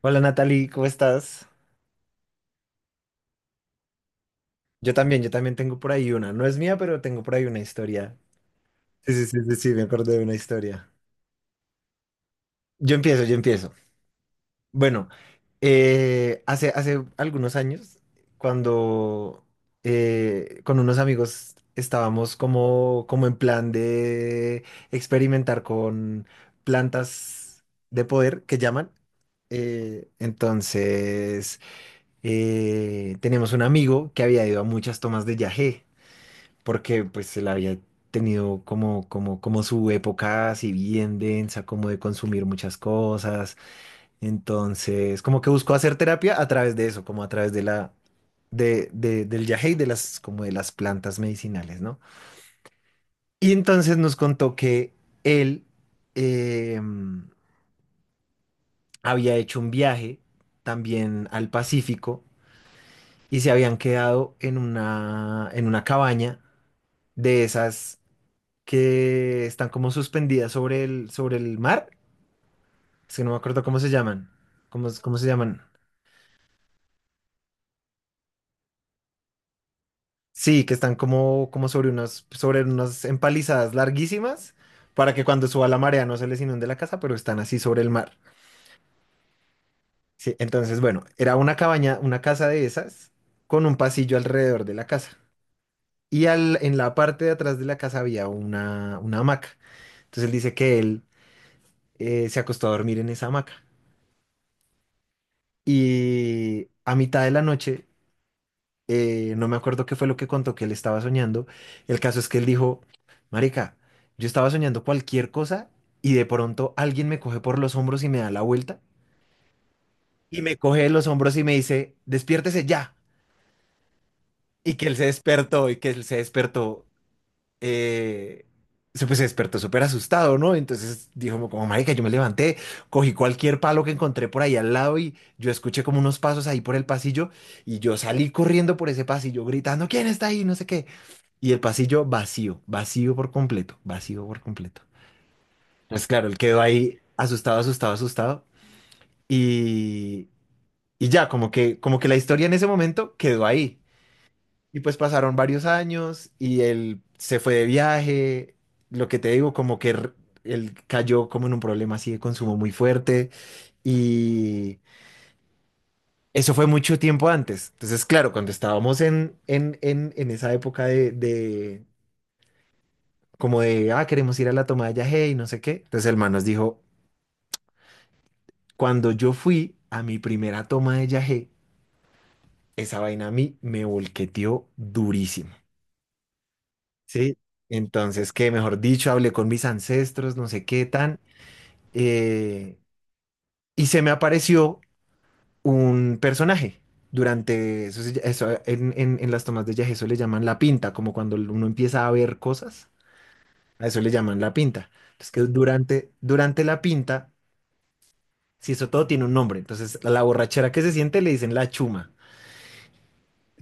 Hola Natalie, ¿cómo estás? Yo también tengo por ahí una. No es mía, pero tengo por ahí una historia. Sí, sí, sí, sí, sí, me acordé de una historia. Yo empiezo, yo empiezo. Bueno, hace algunos años, cuando con unos amigos estábamos como en plan de experimentar con plantas de poder que llaman. Entonces, teníamos un amigo que había ido a muchas tomas de yagé, porque pues él había tenido como su época así bien densa, como de consumir muchas cosas. Entonces, como que buscó hacer terapia a través de eso, como a través de la, del yagé y de las plantas medicinales, ¿no? Y entonces nos contó que él, eh, había hecho un viaje también al Pacífico y se habían quedado en una cabaña de esas que están como suspendidas sobre el mar. Es que no me acuerdo cómo se llaman. ¿Cómo se llaman? Sí, que están como sobre unas empalizadas larguísimas para que cuando suba la marea no se les inunde la casa, pero están así sobre el mar. Sí, entonces, bueno, era una cabaña, una casa de esas con un pasillo alrededor de la casa. En la parte de atrás de la casa había una hamaca. Entonces él dice que él, se acostó a dormir en esa hamaca. Y a mitad de la noche, no me acuerdo qué fue lo que contó que él estaba soñando. El caso es que él dijo, Marica, yo estaba soñando cualquier cosa y de pronto alguien me coge por los hombros y me da la vuelta y me coge de los hombros y me dice, despiértese ya. Y que él se despertó, eh, pues se despertó súper asustado, ¿no? Entonces dijo como, Marica, yo me levanté, cogí cualquier palo que encontré por ahí al lado y yo escuché como unos pasos ahí por el pasillo y yo salí corriendo por ese pasillo gritando, ¿quién está ahí? No sé qué. Y el pasillo vacío, vacío por completo, vacío por completo. Pues claro, él quedó ahí asustado, asustado, asustado. Y, y ya, como que la historia en ese momento quedó ahí. Y pues pasaron varios años y él se fue de viaje. Lo que te digo, él cayó como en un problema así de consumo muy fuerte. Y eso fue mucho tiempo antes. Entonces, claro, cuando estábamos en esa época de, como de, ah, queremos ir a la toma de yagé y no sé qué. Entonces el man nos dijo, cuando yo fui a mi primera toma de yagé, esa vaina a mí me volqueteó durísimo, ¿sí? Entonces, que mejor dicho, hablé con mis ancestros, no sé qué tan, eh, y se me apareció un personaje. Durante eso, en las tomas de yagé, eso le llaman la pinta, como cuando uno empieza a ver cosas, a eso le llaman la pinta. Entonces, que durante la pinta. Sí, eso todo tiene un nombre. Entonces, a la borrachera que se siente le dicen la chuma.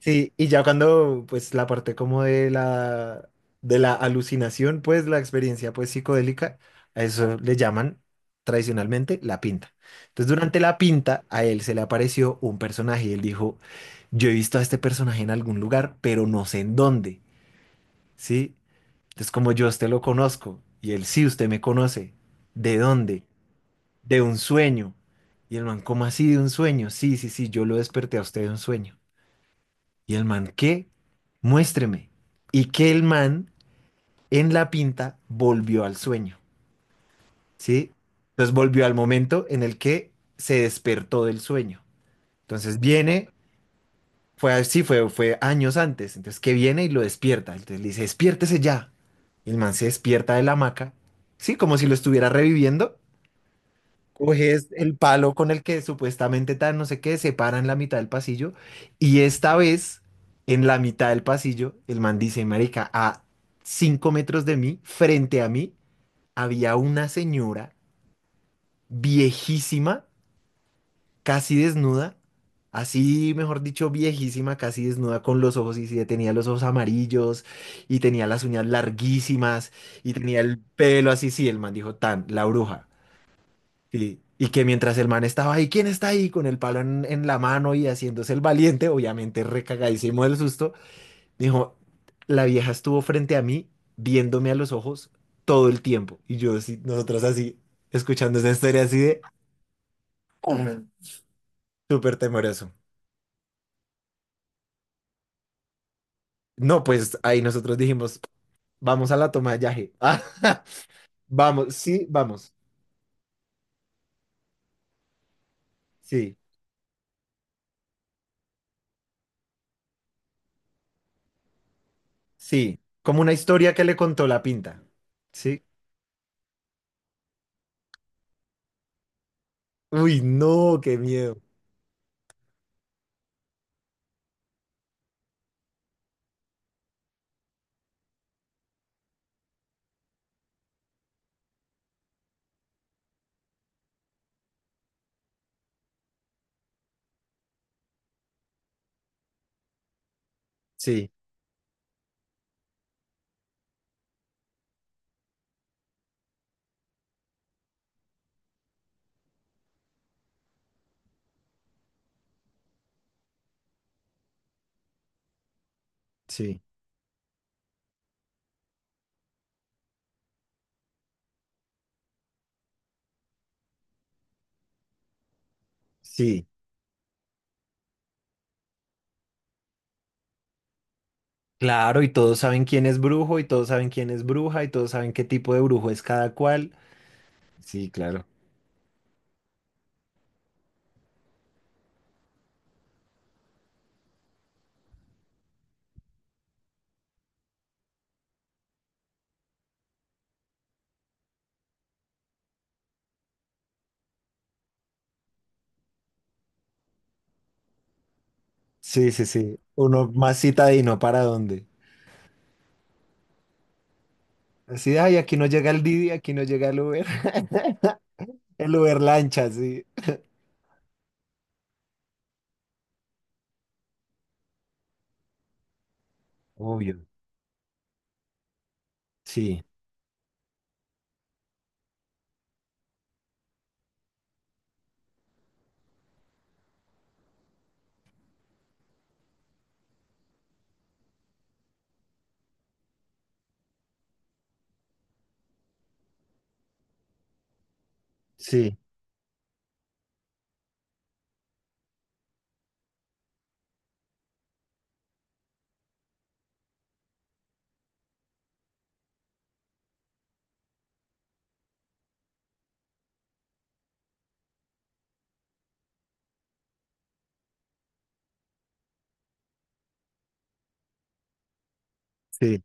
Sí. Y ya cuando, pues, la parte como de la alucinación, pues, la experiencia, pues, psicodélica, a eso le llaman tradicionalmente la pinta. Entonces, durante la pinta, a él se le apareció un personaje y él dijo, yo he visto a este personaje en algún lugar, pero no sé en dónde, ¿sí? Entonces, como yo a usted lo conozco, y él, sí, usted me conoce, ¿de dónde? De un sueño. Y el man, ¿cómo así de un sueño? Sí, sí, sí, yo lo desperté a usted de un sueño. Y el man, ¿qué? Muéstreme. Y que el man en la pinta volvió al sueño, ¿sí? Entonces volvió al momento en el que se despertó del sueño. Entonces viene, fue así, fue años antes. Entonces que viene y lo despierta. Entonces le dice, despiértese ya. Y el man se despierta de la hamaca, ¿sí? Como si lo estuviera reviviendo. Coges el palo con el que supuestamente tan no sé qué, se para en la mitad del pasillo y esta vez en la mitad del pasillo el man dice, marica, a 5 metros de mí, frente a mí, había una señora viejísima, casi desnuda, así, mejor dicho, viejísima, casi desnuda con los ojos y sí, tenía los ojos amarillos y tenía las uñas larguísimas y tenía el pelo así, sí, el man dijo, tan, la bruja. Sí. Y que mientras el man estaba ahí, ¿quién está ahí? Con el palo en la mano y haciéndose el valiente, obviamente recagadísimo del susto, dijo, la vieja estuvo frente a mí, viéndome a los ojos todo el tiempo. Y yo, así, nosotros así, escuchando esa historia así de "Ujú", súper temeroso. No, pues ahí nosotros dijimos, vamos a la toma de yaje. Vamos. Sí, sí. Como una historia que le contó la pinta. Sí. Uy, no, qué miedo. Sí, sí. Sí, claro, y todos saben quién es brujo, y todos saben quién es bruja, y todos saben qué tipo de brujo es cada cual. Sí, claro. Sí, sí, sí. Uno más citadino para dónde. Así, ay, aquí no llega el Didi, aquí no llega el Uber. El Uber lancha, sí. Obvio. Sí, sí, sí.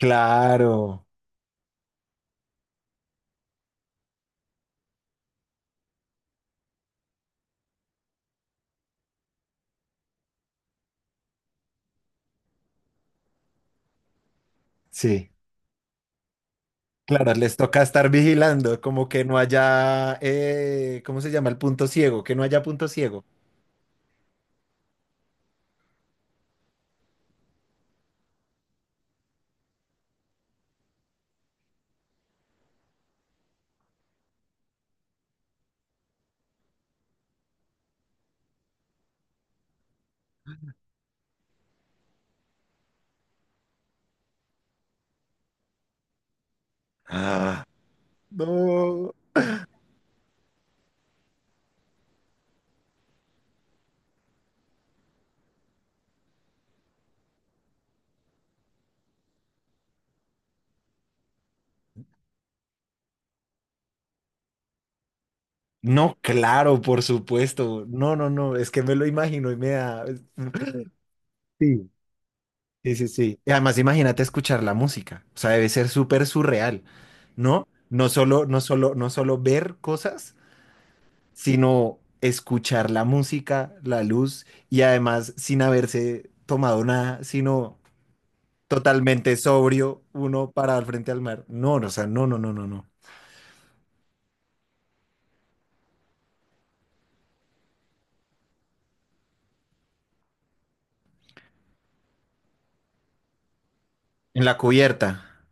Claro, sí. Claro, les toca estar vigilando, como que no haya, ¿cómo se llama? El punto ciego, que no haya punto ciego. Ah, no. No, claro, por supuesto. No, no, no, es que me lo imagino y me da... Sí. Sí, sí, sí. Y además, imagínate escuchar la música. O sea, debe ser súper surreal, ¿no? No solo, no solo, no solo ver cosas, sino escuchar la música, la luz, y además sin haberse tomado nada, sino totalmente sobrio, uno parado al frente al mar. No, no, o sea, no, no, no, no, no. En la cubierta,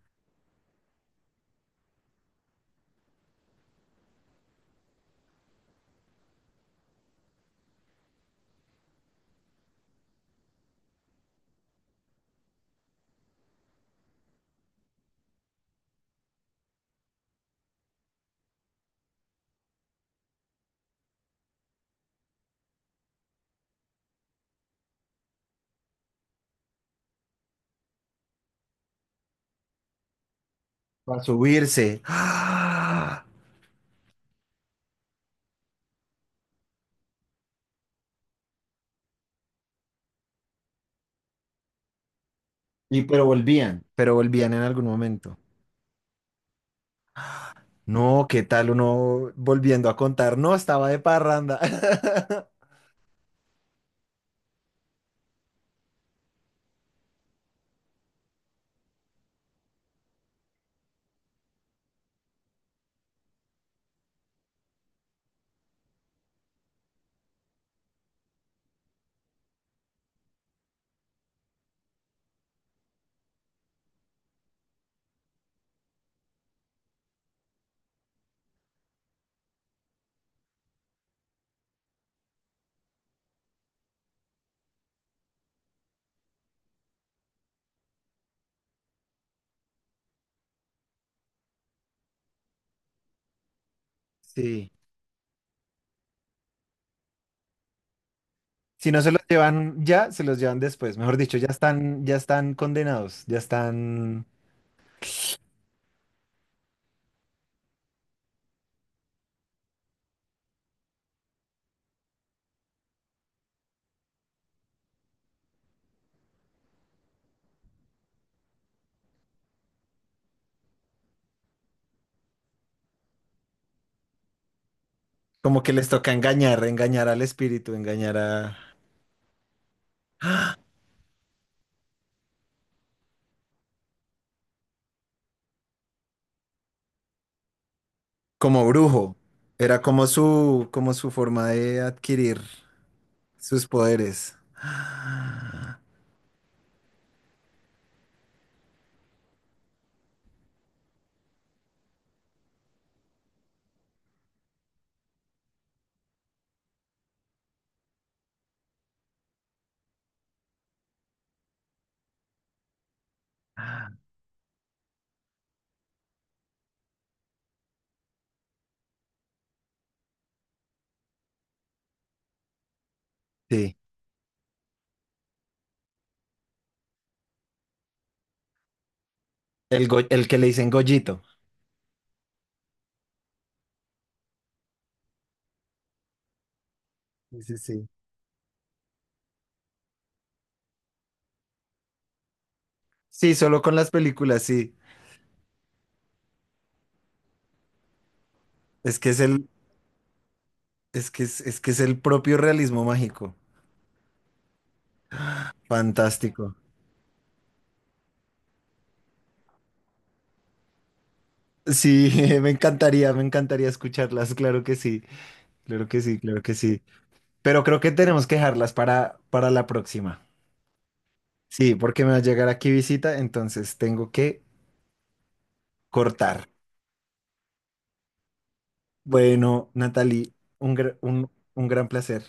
para subirse. Y pero volvían en algún momento. No, ¿qué tal uno volviendo a contar? No, estaba de parranda. Sí. Si no se los llevan ya, se los llevan después. Mejor dicho, ya están condenados, ya están como que les toca engañar, engañar al espíritu, engañar a como brujo. Era como su forma de adquirir sus poderes. Sí. El que le dicen Gollito. Sí, sí, sí. Sí, solo con las películas, sí. Es que es el, es que es el propio realismo mágico. Fantástico. Sí, me encantaría escucharlas, claro que sí, claro que sí, claro que sí. Pero creo que tenemos que dejarlas para la próxima. Sí, porque me va a llegar aquí visita, entonces tengo que cortar. Bueno, Natalie, un gran placer.